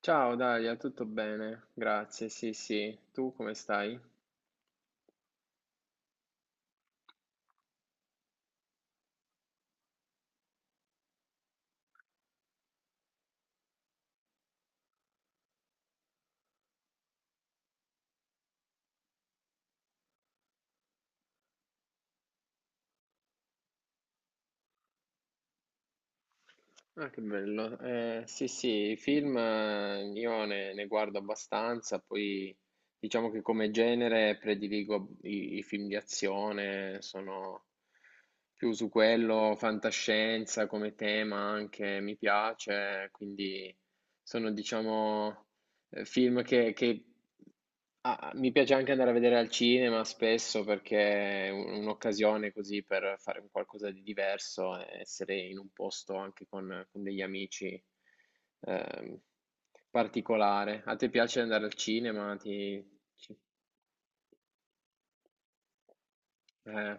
Ciao Dalia, tutto bene? Grazie, sì sì. Tu come stai? Ah, che bello. Sì sì, i film io ne guardo abbastanza, poi diciamo che come genere prediligo i film di azione, sono più su quello, fantascienza come tema anche mi piace, quindi sono diciamo film che Ah, mi piace anche andare a vedere al cinema spesso perché è un'occasione così per fare un qualcosa di diverso, e essere in un posto anche con degli amici ehm, particolare. A te piace andare al cinema? Ti... ci- eh.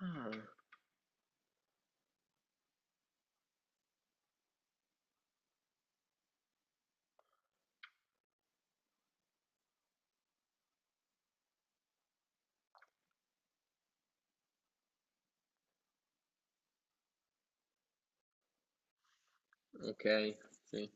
Ah, ok, sì,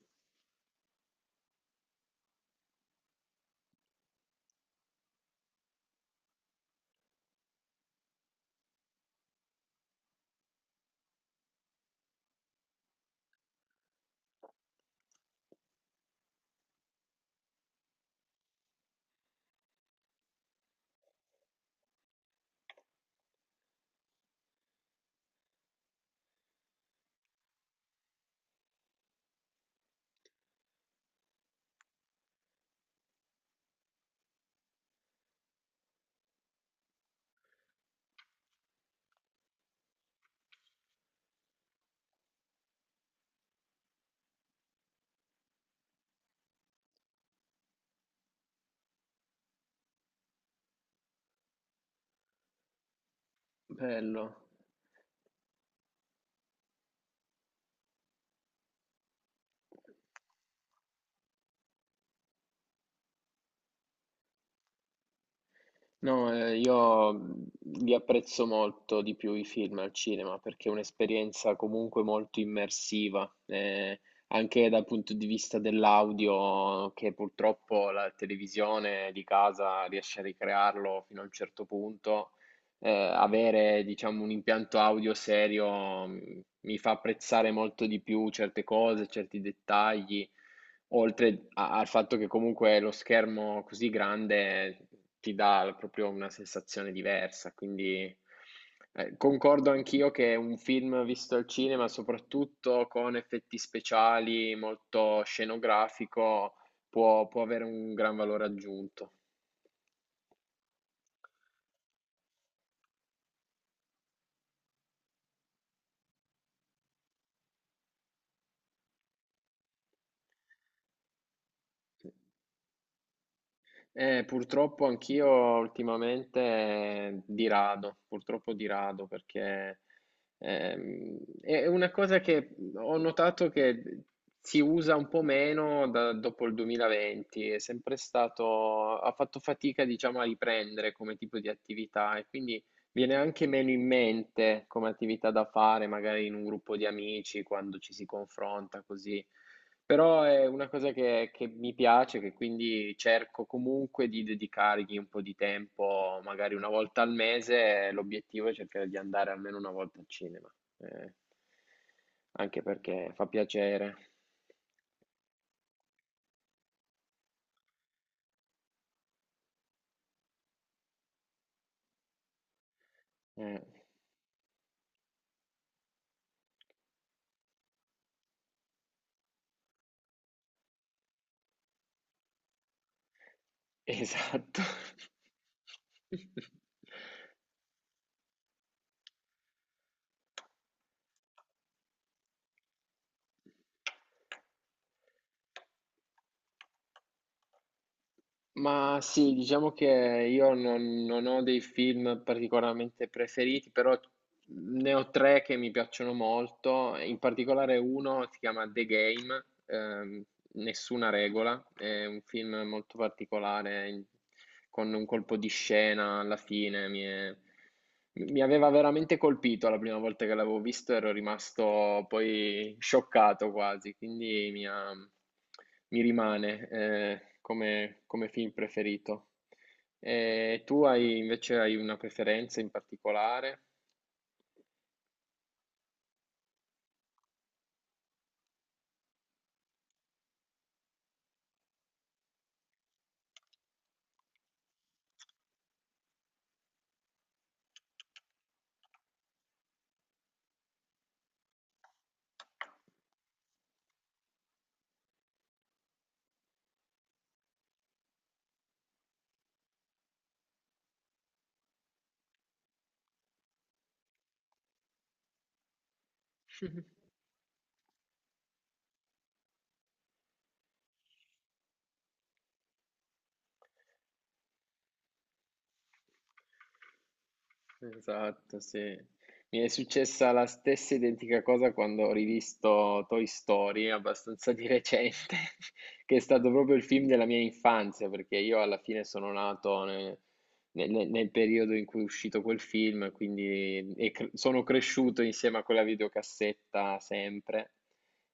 bello. No, io li apprezzo molto di più i film al cinema perché è un'esperienza comunque molto immersiva, anche dal punto di vista dell'audio, che purtroppo la televisione di casa riesce a ricrearlo fino a un certo punto, avere, diciamo, un impianto audio serio mi fa apprezzare molto di più certe cose, certi dettagli, oltre al fatto che comunque lo schermo così grande ti dà proprio una sensazione diversa. Quindi concordo anch'io che un film visto al cinema, soprattutto con effetti speciali, molto scenografico, può avere un gran valore aggiunto. Purtroppo anch'io ultimamente di rado, purtroppo di rado, perché è una cosa che ho notato che si usa un po' meno dopo il 2020, è sempre stato, ha fatto fatica, diciamo, a riprendere come tipo di attività e quindi viene anche meno in mente come attività da fare, magari in un gruppo di amici, quando ci si confronta così. Però è una cosa che mi piace, che quindi cerco comunque di dedicargli un po' di tempo, magari una volta al mese, l'obiettivo è cercare di andare almeno una volta al cinema, eh, anche perché fa piacere. Eh, esatto. Ma sì, diciamo che io non ho dei film particolarmente preferiti, però ne ho tre che mi piacciono molto, in particolare uno si chiama The Game, Nessuna regola, è un film molto particolare, con un colpo di scena alla fine, mi aveva veramente colpito la prima volta che l'avevo visto, ero rimasto poi scioccato quasi, quindi mi ha... Mi rimane, come film preferito. E tu hai invece hai una preferenza in particolare? Esatto, sì. Mi è successa la stessa identica cosa quando ho rivisto Toy Story, abbastanza di recente, che è stato proprio il film della mia infanzia, perché io alla fine nel periodo in cui è uscito quel film, quindi e sono cresciuto insieme a quella videocassetta sempre,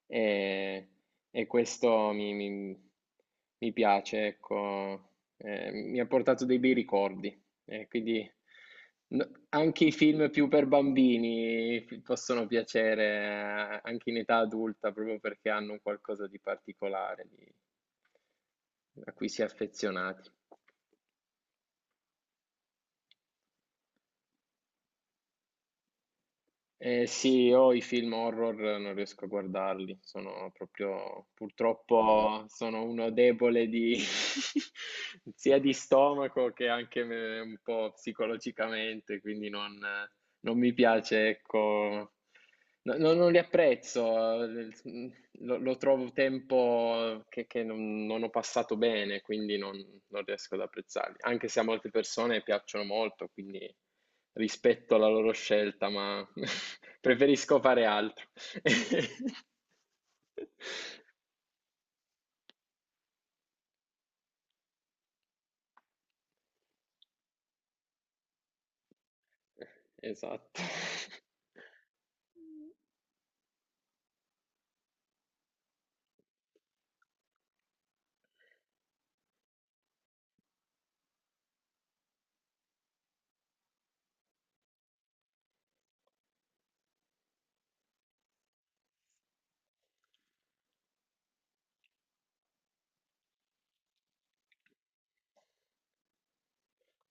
e, e questo mi piace, ecco. Mi ha portato dei bei ricordi. Quindi anche i film più per bambini possono piacere anche in età adulta, proprio perché hanno un qualcosa di particolare, di- a cui si è affezionati. Eh sì, io i film horror non riesco a guardarli, sono proprio, purtroppo sono uno debole di, sia di stomaco che anche un po' psicologicamente, quindi non mi piace, ecco, non li apprezzo, lo trovo tempo che non ho passato bene, quindi non, non riesco ad apprezzarli, anche se a molte persone piacciono molto, quindi rispetto alla loro scelta, ma preferisco fare altro. Esatto.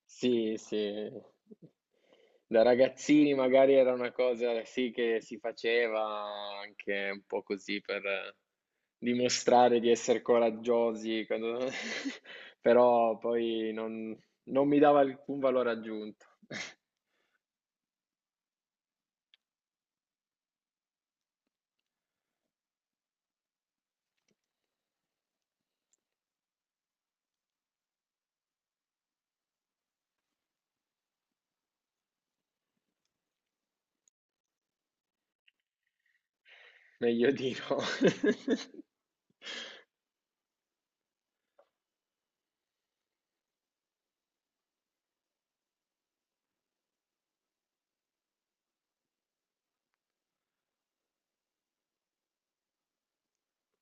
Sì, sì. Da ragazzini magari era una cosa sì che si faceva anche un po' così per dimostrare di essere coraggiosi, però poi non mi dava alcun valore aggiunto. Meglio di no.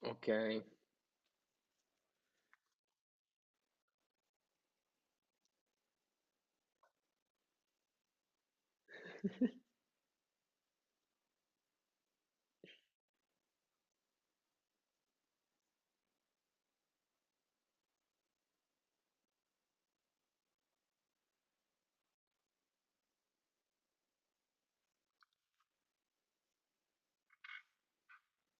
Okay.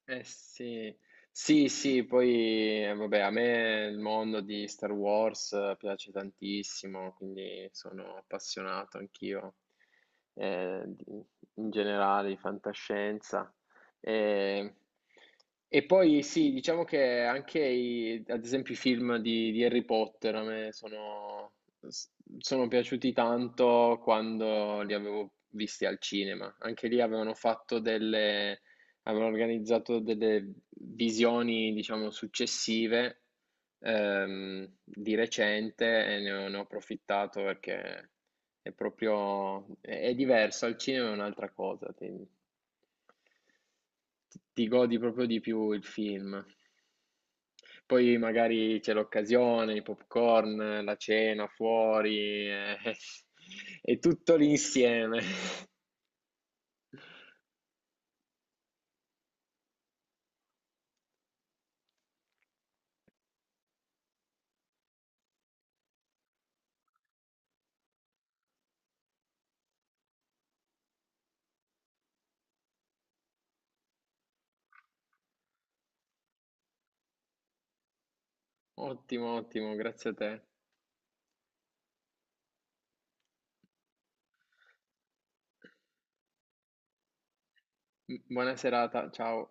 Eh sì, sì, sì, poi vabbè, a me il mondo di Star Wars piace tantissimo, quindi sono appassionato anch'io eh, di- in generale di fantascienza. E, e poi sì, diciamo che anche ad esempio i film di Harry Potter a me sono, s- sono piaciuti tanto quando li avevo visti al cinema. Anche lì avevano organizzato delle visioni, diciamo, successive di recente e ne ho approfittato perché è proprio, è diverso, al cinema è un'altra cosa, ti, ti godi proprio di più il film. Poi magari c'è l'occasione, i popcorn, la cena fuori, è tutto l'insieme. Ottimo, ottimo, grazie a te. Buona serata, ciao.